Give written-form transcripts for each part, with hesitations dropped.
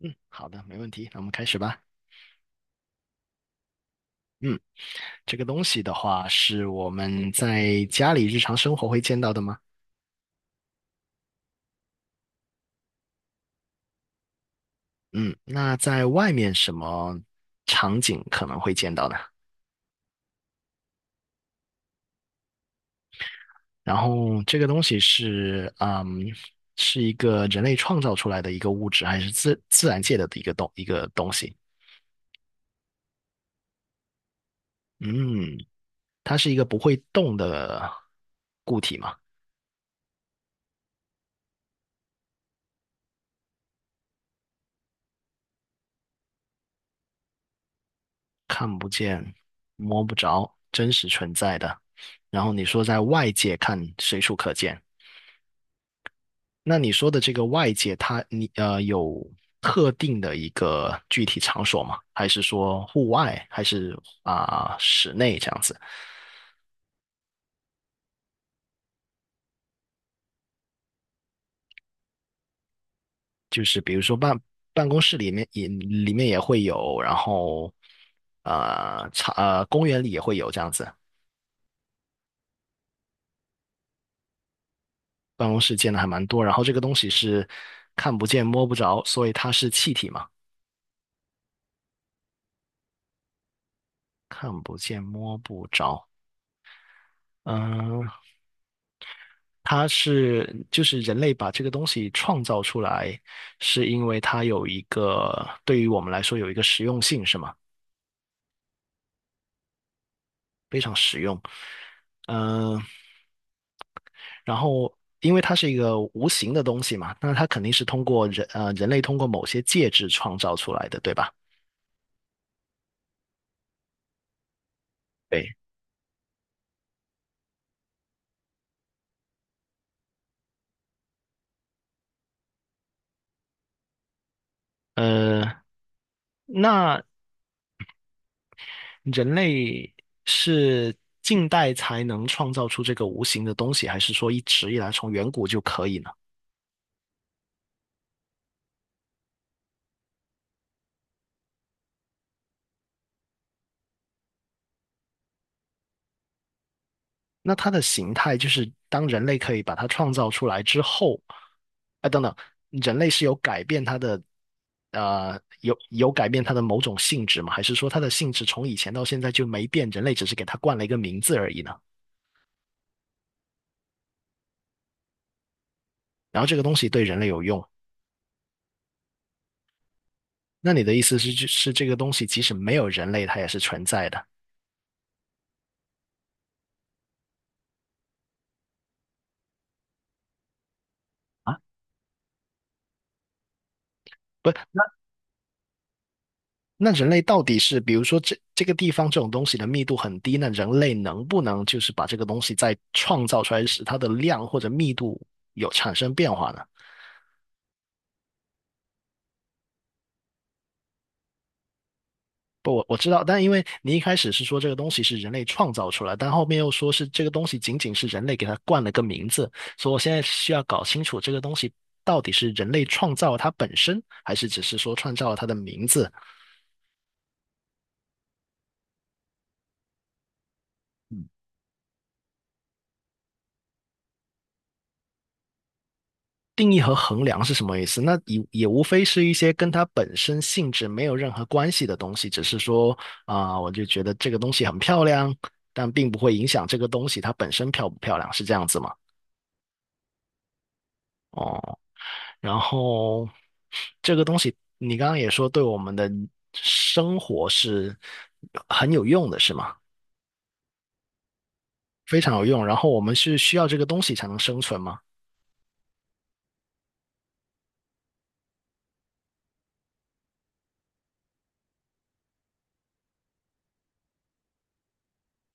嗯，好的，没问题，那我们开始吧。嗯，这个东西的话，是我们在家里日常生活会见到的吗？嗯，那在外面什么场景可能会见到呢？然后这个东西是，是一个人类创造出来的一个物质，还是自然界的一个东西？嗯，它是一个不会动的固体吗？看不见、摸不着、真实存在的。然后你说在外界看随处可见，那你说的这个外界它，你有特定的一个具体场所吗？还是说户外，还是室内这样子？就是比如说办公室里面也会有，然后呃场呃公园里也会有这样子。办公室见的还蛮多，然后这个东西是看不见摸不着，所以它是气体嘛。看不见摸不着。嗯，它是就是人类把这个东西创造出来，是因为它有一个对于我们来说有一个实用性，是吗？非常实用。嗯，然后因为它是一个无形的东西嘛，那它肯定是通过人类通过某些介质创造出来的，对吧？对。呃，那人类是近代才能创造出这个无形的东西，还是说一直以来从远古就可以呢？那它的形态就是当人类可以把它创造出来之后，啊，等等，人类是有改变它的，有改变它的某种性质吗？还是说它的性质从以前到现在就没变，人类只是给它冠了一个名字而已呢？然后这个东西对人类有用，那你的意思是，是这个东西即使没有人类，它也是存在的？不。那人类到底是，比如说这个地方这种东西的密度很低，那人类能不能就是把这个东西再创造出来，使它的量或者密度有产生变化呢？不，我知道，但因为你一开始是说这个东西是人类创造出来，但后面又说是这个东西仅仅是人类给它冠了个名字，所以我现在需要搞清楚这个东西到底是人类创造了它本身，还是只是说创造了它的名字，定义和衡量是什么意思？那也无非是一些跟它本身性质没有任何关系的东西，只是说我就觉得这个东西很漂亮，但并不会影响这个东西它本身漂不漂亮，是这样子吗？哦，然后这个东西你刚刚也说对我们的生活是很有用的，是吗？非常有用。然后我们是需要这个东西才能生存吗？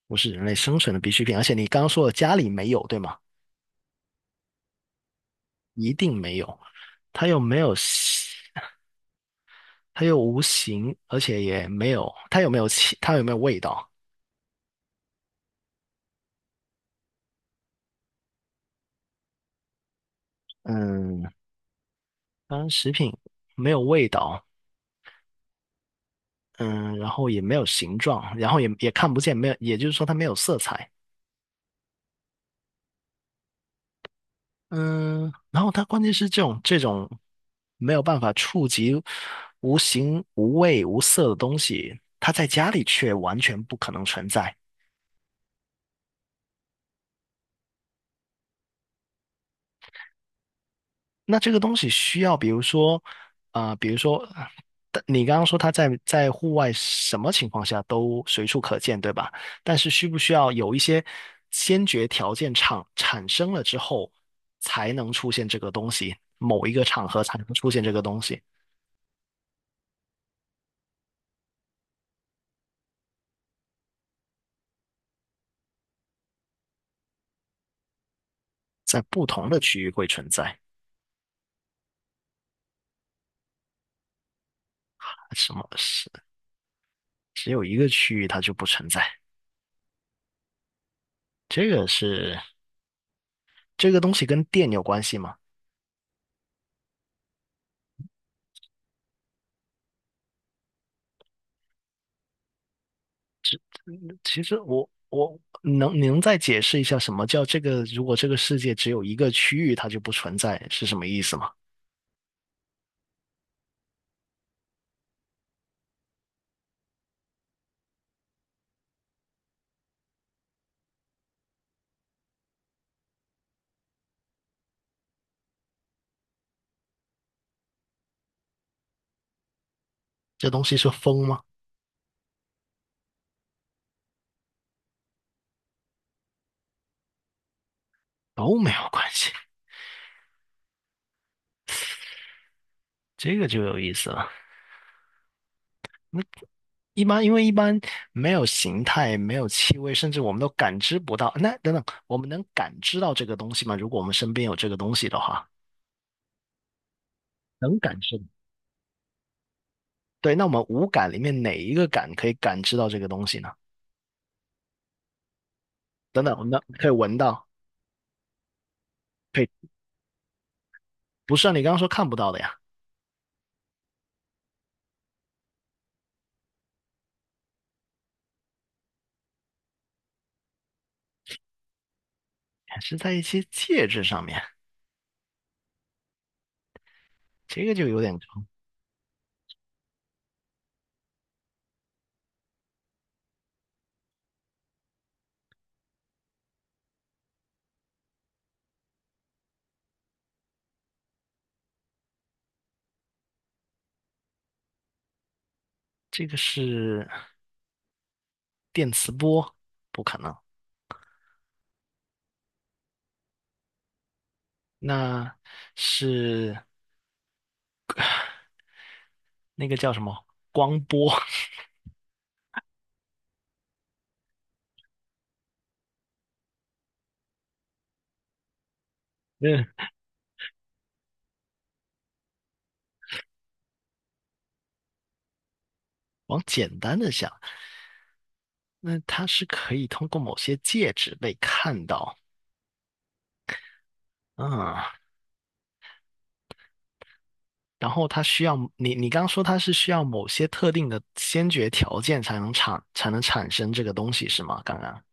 不是人类生存的必需品，而且你刚刚说了家里没有，对吗？一定没有，它又没有形，它又无形，而且也没有，它有没有气，它有没有味道？嗯，当然食品没有味道，嗯，然后也没有形状，然后也看不见，没有，也就是说它没有色彩，嗯，然后它关键是这种没有办法触及无形无味无色的东西，它在家里却完全不可能存在。那这个东西需要，比如说，比如说，但你刚刚说它在户外什么情况下都随处可见，对吧？但是需不需要有一些先决条件产生了之后，才能出现这个东西，某一个场合才能出现这个东西，在不同的区域会存在，什么是只有一个区域它就不存在？这个是这个东西跟电有关系吗？其实我能再解释一下什么叫这个？如果这个世界只有一个区域，它就不存在，是什么意思吗？这东西是风吗？都没有关系，这个就有意思了。一般因为一般没有形态，没有气味，甚至我们都感知不到。那等等，我们能感知到这个东西吗？如果我们身边有这个东西的话，能感知。对，那我们五感里面哪一个感可以感知到这个东西呢？等等，我们能可以闻到，可以，不是啊？你刚刚说看不到的呀。是在一些介质上面，这个就有点高。这个是电磁波，不可能。那是那个叫什么光波？嗯，往简单的想，那它是可以通过某些介质被看到，嗯，然后它需要你，你刚刚说它是需要某些特定的先决条件才能产生这个东西是吗？刚刚。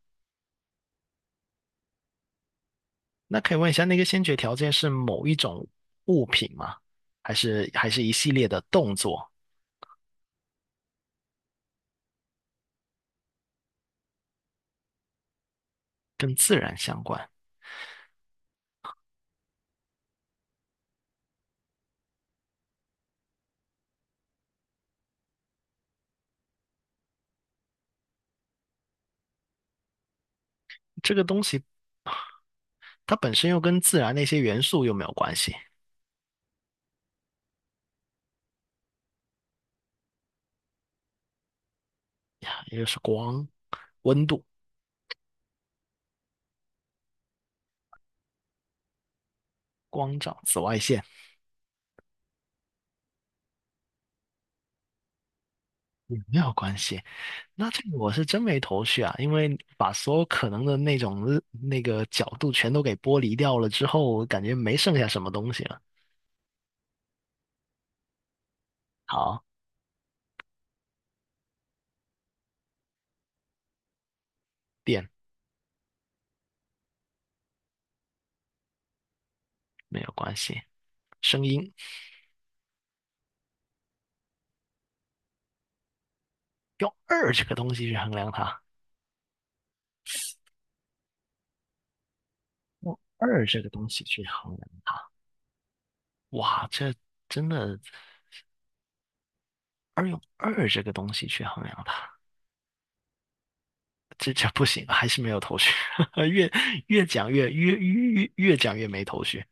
那可以问一下，那个先决条件是某一种物品吗？还是一系列的动作？这个东西它本身又跟自然那些元素又没有关系呀，也就是光、温度、光照、紫外线也没有关系。那这个我是真没头绪啊，因为把所有可能的那种那个角度全都给剥离掉了之后，我感觉没剩下什么东西了。好，电没有关系，声音用二这个东西去衡量它。用二这个东西去衡量。哇，这真的二用二这个东西去衡量它，这这不行，还是没有头绪，越越讲越没头绪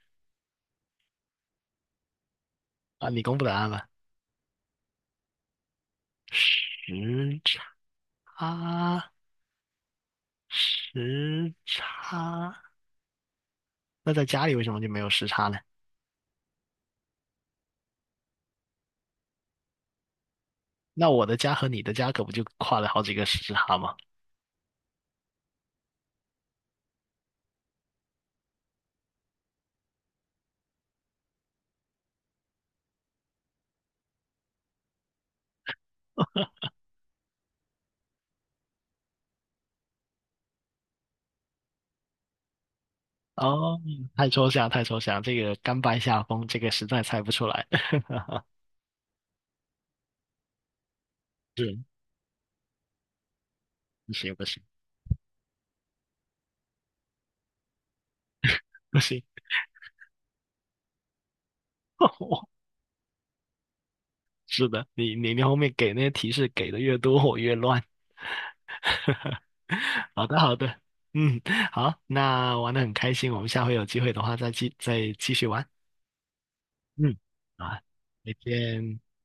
啊！你公布答案吧。时差，时差，那在家里为什么就没有时差呢？那我的家和你的家可不就跨了好几个时差吗？哦，太抽象，太抽象，这个甘拜下风，这个实在猜不出来。是，不行不行。是的，你后面给那些提示给的越多，我越乱。好的，好的，嗯，好，那玩的很开心，我们下回有机会的话再继续玩。嗯，好啊，再见。